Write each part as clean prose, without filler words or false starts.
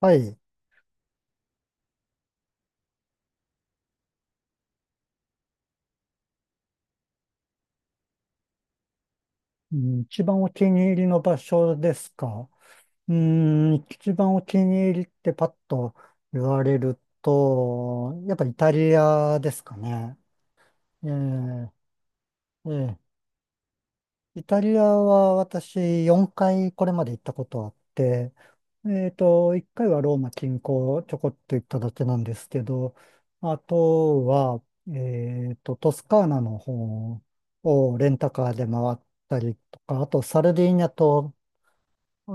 はい。うん、一番お気に入りの場所ですか。うーん、一番お気に入りってパッと言われると、やっぱイタリアですかね。ええ、ええ、イタリアは私4回これまで行ったことあって、1回はローマ近郊ちょこっと行っただけなんですけど、あとは、トスカーナの方をレンタカーで回ったりとか、あとサルディーニャ島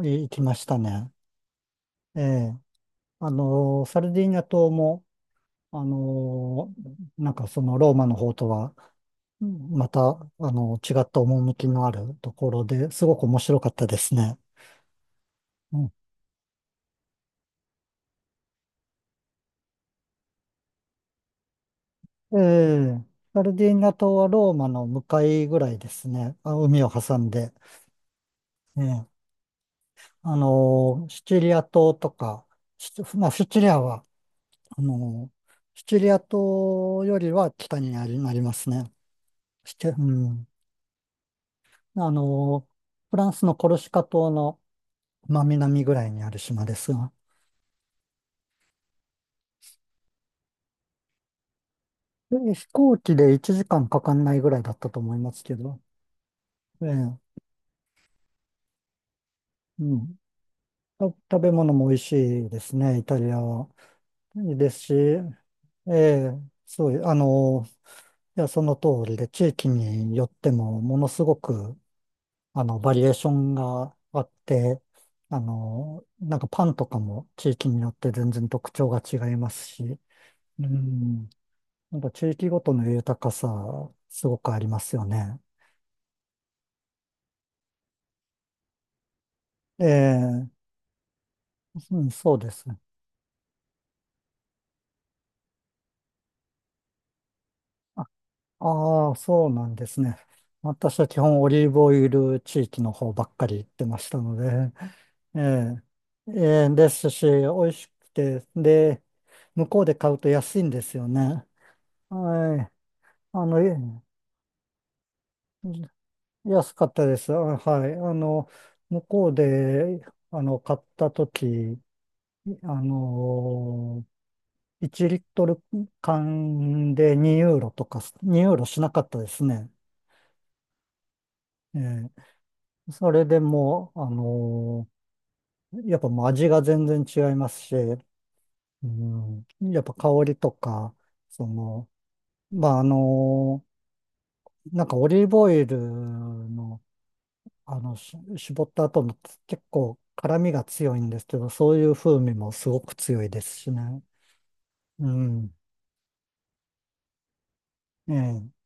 行きましたね。ええ。サルディーニャ島も、あの、なんかそのローマの方とは、うん、また、違った趣のあるところですごく面白かったですね。うん、ええ。サルディーニャ島はローマの向かいぐらいですね。あ、海を挟んで。ええ。シチリア島とか、シチリアは、あの、シチリア島よりは北になりますね。うん。あの、フランスのコルシカ島の真南ぐらいにある島ですが、で飛行機で1時間かかんないぐらいだったと思いますけど、ええ、うん。食べ物も美味しいですね、イタリアは。いいですし、ええ、そうう、あの、いや、その通りで、地域によっても、ものすごく、バリエーションがあって、なんかパンとかも地域によって全然特徴が違いますし、うん。なんか地域ごとの豊かさ、すごくありますよね。ええ、うん、そうですね。あ、ああ、そうなんですね。私は基本オリーブオイル地域の方ばっかり行ってましたので、ええ、ええ、ですし、美味しくて、で、向こうで買うと安いんですよね。はい。あの、え安かったです。あ、はい。向こうで、買ったとき、あの1リットル缶で2ユーロとか、2ユーロしなかったですね。えそれでもう、やっぱもう味が全然違いますし、うん、やっぱ香りとか、その、まあ、なんかオリーブオイルの、絞った後の結構辛みが強いんですけど、そういう風味もすごく強いですしね。うん。ええ、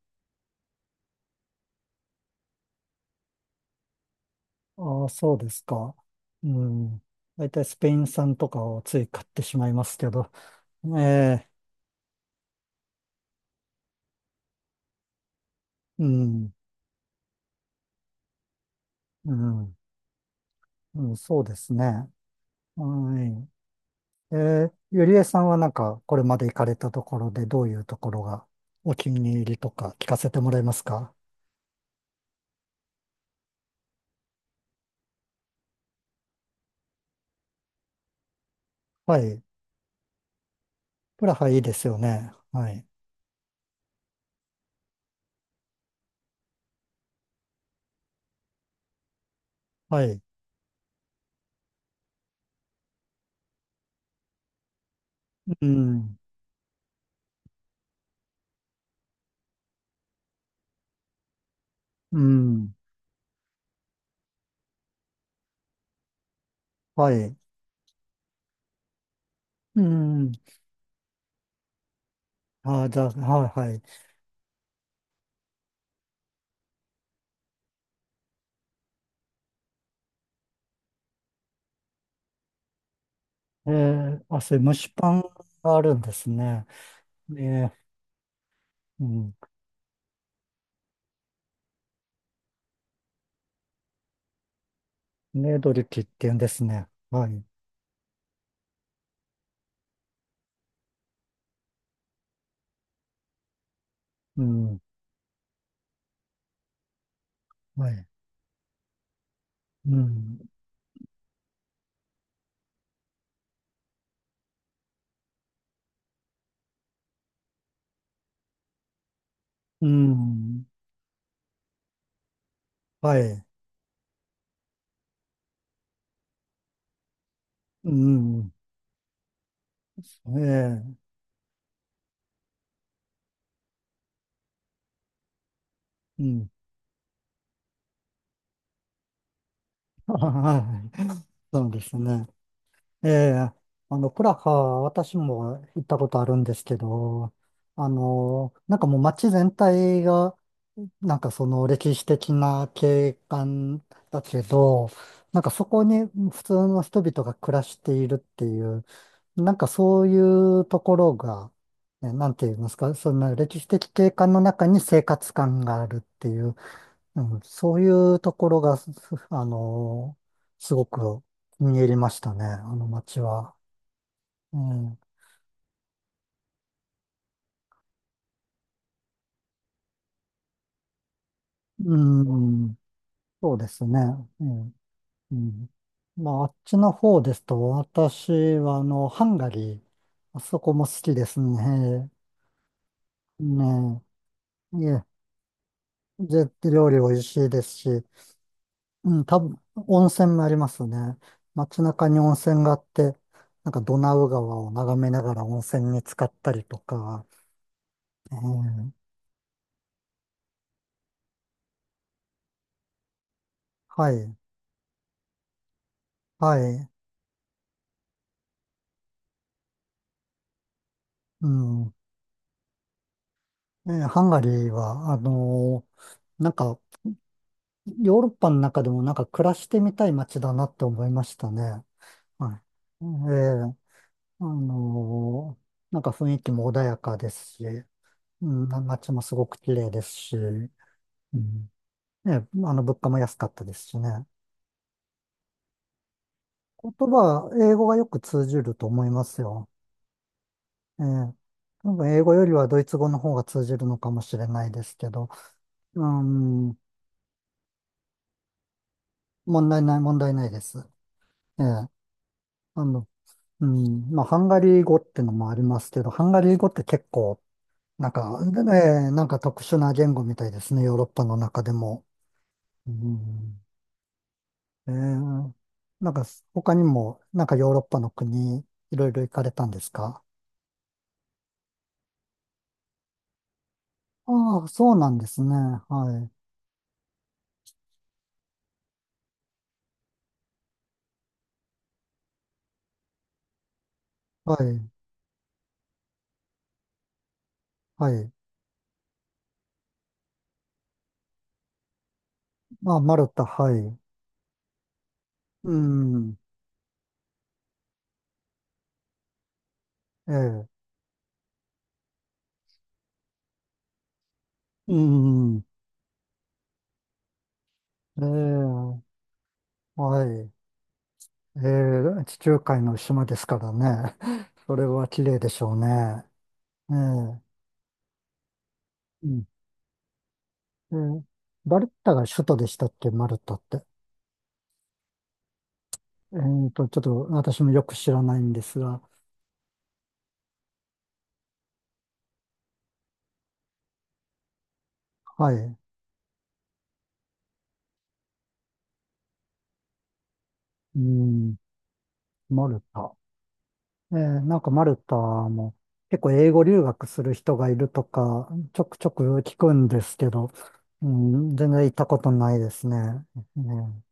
ああ、そうですか。うん。大体スペイン産とかをつい買ってしまいますけど。ええ、うん、うん、うん、そうですね。はい。ええ、ゆりえさんはなんか、これまで行かれたところでどういうところがお気に入りとか聞かせてもらえますか？はい。プラハいいですよね。はい。はい。うん、うん、はい。うん。ああ、じゃあ、はい、はい。ええ、あ、そういう蒸しパンがあるんですね。ええ、うん、ねどりきって言うんですね。はい。うん。はい。うん。うん。はい。うん。ええ。うん。はい。そうですね。ええ。プラハ、私も行ったことあるんですけど、なんかもう街全体が、なんかその歴史的な景観だけど、なんかそこに普通の人々が暮らしているっていう、なんかそういうところが、ねなんて言いますか、そんな歴史的景観の中に生活感があるっていう、うん、そういうところが、すあのーすごく気に入りましたね、あの街は。うん、うん、そうですね。うん、うん。まあ、あっちの方ですと、私はハンガリー、あそこも好きですね。ねえ、で、料理美味しいですし、うん、多分、温泉もありますね。街中に温泉があって、なんかドナウ川を眺めながら温泉に浸かったりとか、えーはい、はい、うん。ハンガリーは、なんか、ヨーロッパの中でもなんか暮らしてみたい街だなって思いましたね。はい。ーあのーなんか雰囲気も穏やかですし、うん、街もすごく綺麗ですし、うん、ね、物価も安かったですしね。言葉、英語がよく通じると思いますよ。ええ。多分英語よりはドイツ語の方が通じるのかもしれないですけど、うん、問題ない、問題ないです。ええ。あの、うん、まあ、ハンガリー語ってのもありますけど、ハンガリー語って結構、なんか、ええ、なんか特殊な言語みたいですね、ヨーロッパの中でも。うん、ええ。なんか、他にも、なんかヨーロッパの国、いろいろ行かれたんですか？ああ、そうなんですね。はい。はい。はい。まあ、マルタ、はい。うん、ええ、うん、ええ、はい。ええ、地中海の島ですからね。それは綺麗でしょうね。ええ、うん、ええ、バルタが首都でしたっけ、マルタって。えっと、ちょっと私もよく知らないんですが、はい。うん、マルタ。ええ、なんかマルタも結構英語留学する人がいるとか、ちょくちょく聞くんですけど、うん、全然行ったことないですね。ね、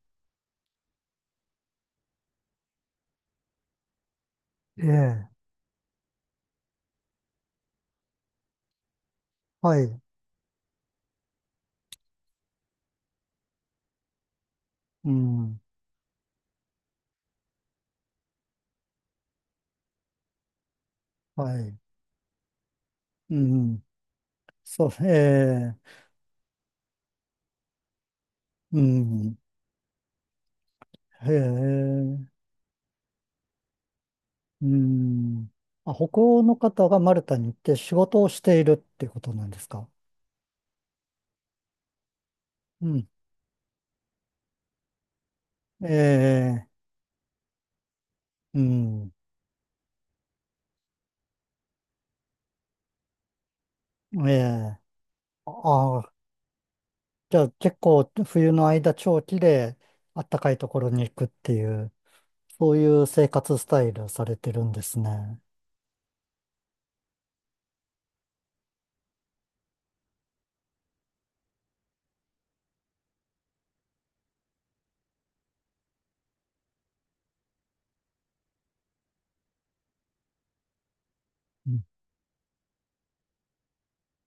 ええ、はい、うん、はい、うん、そう、ええ、うん、ええ、うん。あ、北欧の方がマルタに行って仕事をしているっていうことなんですか？うん、ええ、うん、ええ、あ、じゃあ結構冬の間長期であったかいところに行くっていう、そういう生活スタイルされてるんですね。